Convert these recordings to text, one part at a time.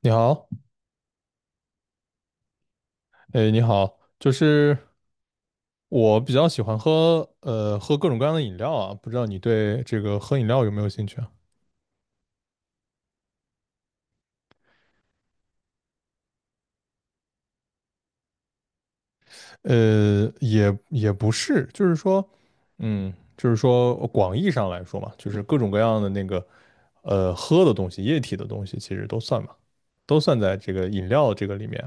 你好，哎，你好，就是我比较喜欢喝，喝各种各样的饮料啊，不知道你对这个喝饮料有没有兴趣啊？也不是，就是说，嗯，就是说广义上来说嘛，就是各种各样的那个，喝的东西，液体的东西，其实都算嘛，都算在这个饮料这个里面。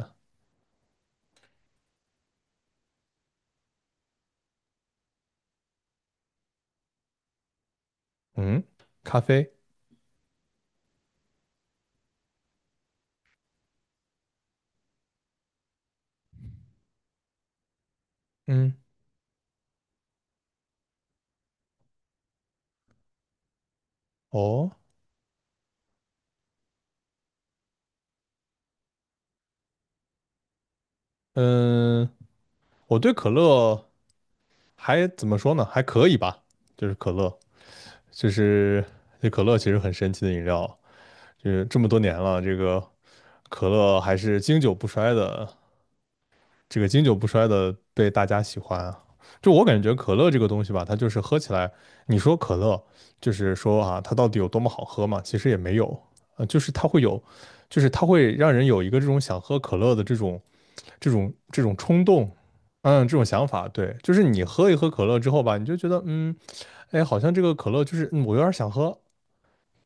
嗯，咖啡。嗯。哦。嗯，我对可乐还怎么说呢？还可以吧，就是可乐。就是这可乐其实很神奇的饮料，就是这么多年了，这个可乐还是经久不衰的，这个经久不衰的被大家喜欢啊。就我感觉可乐这个东西吧，它就是喝起来，你说可乐，就是说啊，它到底有多么好喝嘛？其实也没有，就是它会有，就是它会让人有一个这种想喝可乐的这种冲动。嗯，这种想法。对，就是你喝一喝可乐之后吧，你就觉得，嗯，哎，好像这个可乐就是，我有点想喝。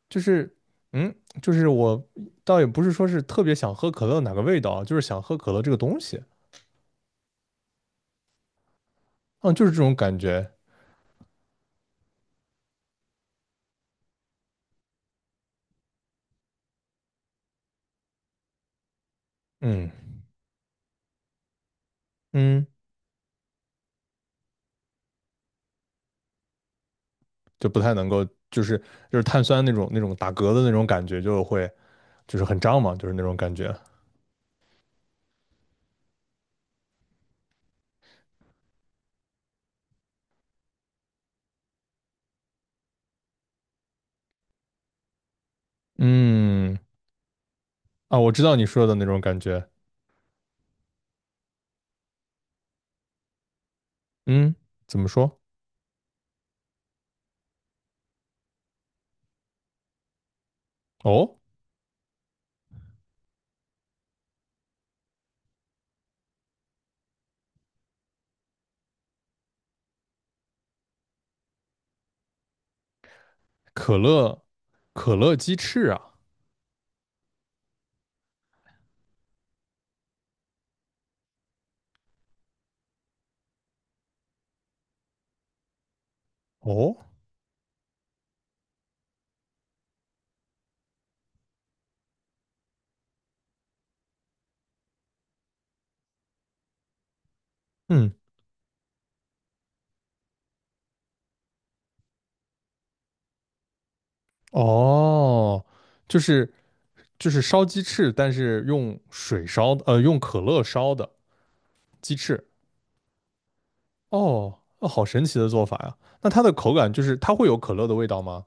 就是，嗯，就是我倒也不是说是特别想喝可乐哪个味道啊，就是想喝可乐这个东西。嗯，就是这种感觉。嗯嗯，就不太能够，就是就是碳酸那种打嗝的那种感觉，就会就是很胀嘛，就是那种感觉。嗯啊，我知道你说的那种感觉。嗯，怎么说？哦，可乐可乐鸡翅啊。哦，嗯哦，就是就是烧鸡翅，但是用水烧的，用可乐烧的鸡翅。哦，哦，好神奇的做法呀！那它的口感就是它会有可乐的味道吗？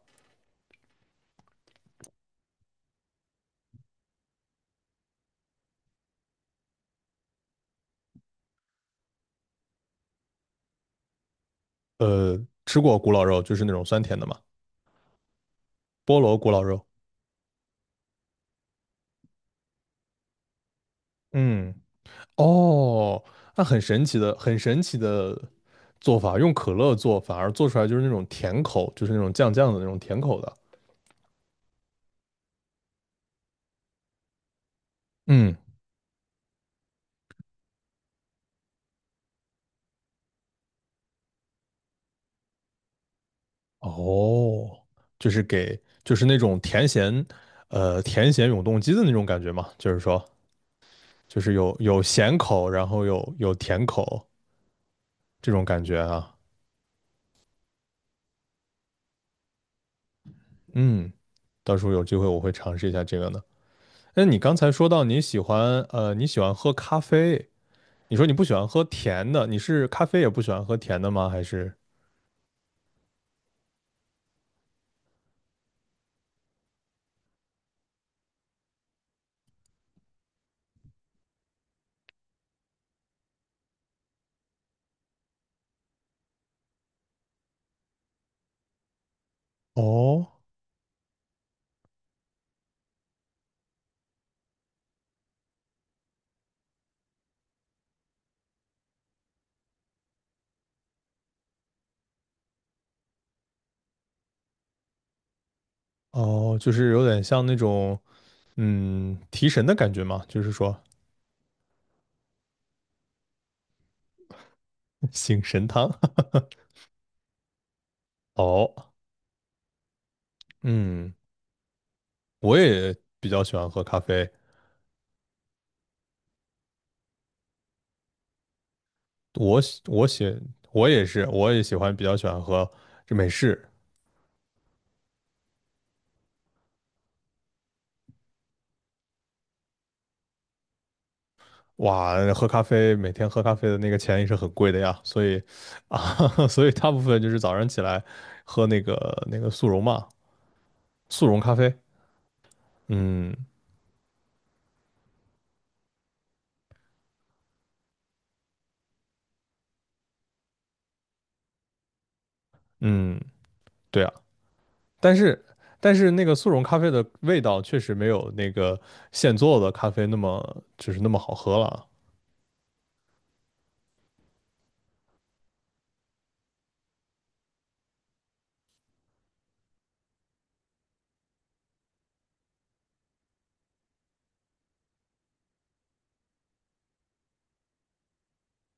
呃，吃过古老肉，就是那种酸甜的嘛，菠萝古老肉。嗯。哦，那很神奇的，很神奇的做法，用可乐做，反而做出来就是那种甜口，就是那种酱酱的那种甜口的。嗯。哦，就是给，就是那种甜咸，甜咸永动机的那种感觉嘛，就是说，就是有咸口，然后有甜口，这种感觉啊。嗯，到时候有机会我会尝试一下这个呢。那你刚才说到你喜欢喝咖啡。你说你不喜欢喝甜的，你是咖啡也不喜欢喝甜的吗？还是哦哦，就是有点像那种提神的感觉嘛，就是说 醒神汤。哦。嗯，我也比较喜欢喝咖啡。我喜我喜我也是，我也喜欢比较喜欢喝这美式。哇，喝咖啡每天喝咖啡的那个钱也是很贵的呀，所以啊，所以大部分就是早上起来喝那个速溶嘛，速溶咖啡。嗯嗯，对啊。但是但是那个速溶咖啡的味道确实没有那个现做的咖啡那么那么好喝了。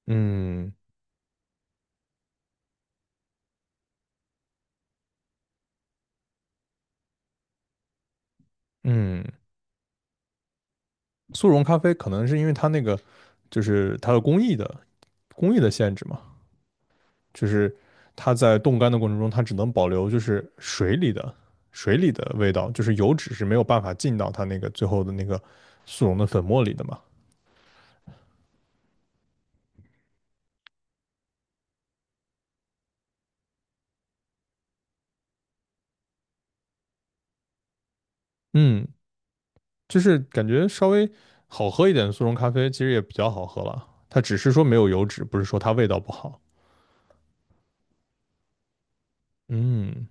嗯嗯。速溶咖啡可能是因为它那个就是它的工艺的限制嘛，就是它在冻干的过程中，它只能保留就是水里的味道，就是油脂是没有办法进到它那个最后的那个速溶的粉末里的嘛。嗯，就是感觉稍微好喝一点的速溶咖啡其实也比较好喝了，它只是说没有油脂，不是说它味道不好。嗯。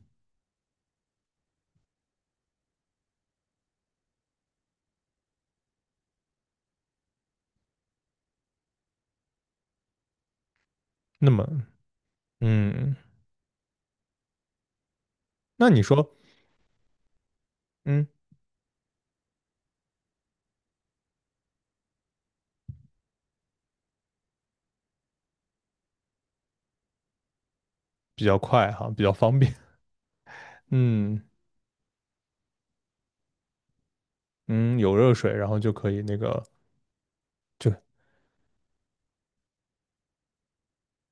那么嗯，那你说嗯比较快哈，比较方便。嗯。嗯，有热水，然后就可以那个就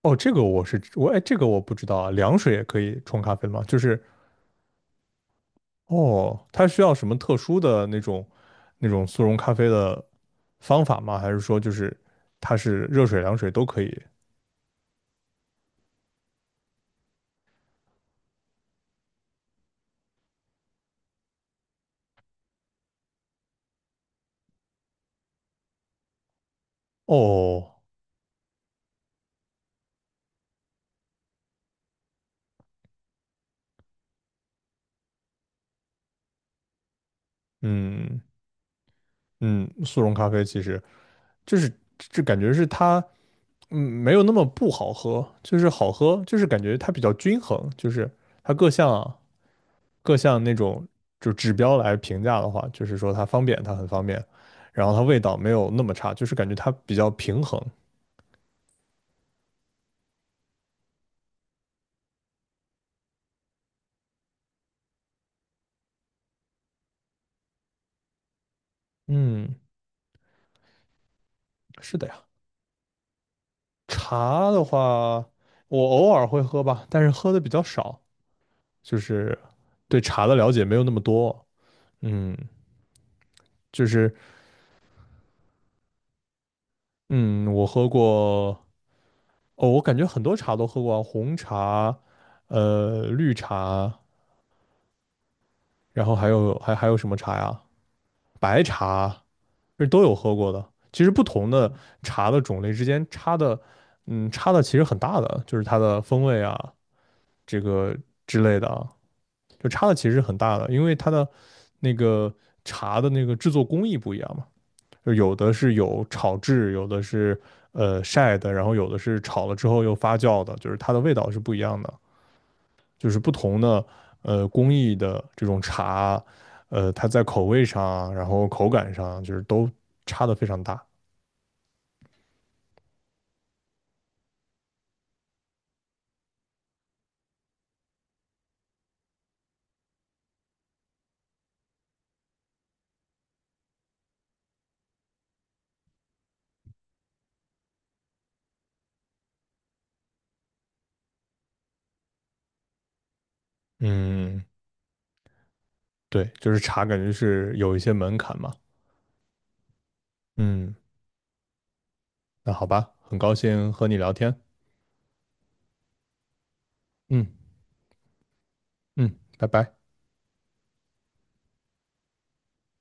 哦，这个我是我哎，这个我不知道啊，凉水也可以冲咖啡吗？就是哦，它需要什么特殊的那种速溶咖啡的方法吗？还是说就是它是热水、凉水都可以？哦。嗯嗯，速溶咖啡其实就是这感觉是它没有那么不好喝，就是好喝，就是感觉它比较均衡，就是它各项那种就指标来评价的话，就是说它方便，它很方便，然后它味道没有那么差，就是感觉它比较平衡。嗯，是的呀。茶的话，我偶尔会喝吧，但是喝的比较少，就是对茶的了解没有那么多。嗯，就是嗯，我喝过，哦，我感觉很多茶都喝过啊，红茶，绿茶，然后还有什么茶呀？白茶，是都有喝过的。其实不同的茶的种类之间差的，差的其实很大的，就是它的风味啊，这个之类的啊，就差的其实很大的，因为它的那个茶的那个制作工艺不一样嘛，就有的是有炒制，有的是晒的，然后有的是炒了之后又发酵的，就是它的味道是不一样的，就是不同的工艺的这种茶，它在口味上啊然后口感上啊就是都差的非常大。嗯，对，就是茶感觉是有一些门槛嘛。嗯，那好吧，很高兴和你聊天。嗯嗯，拜拜。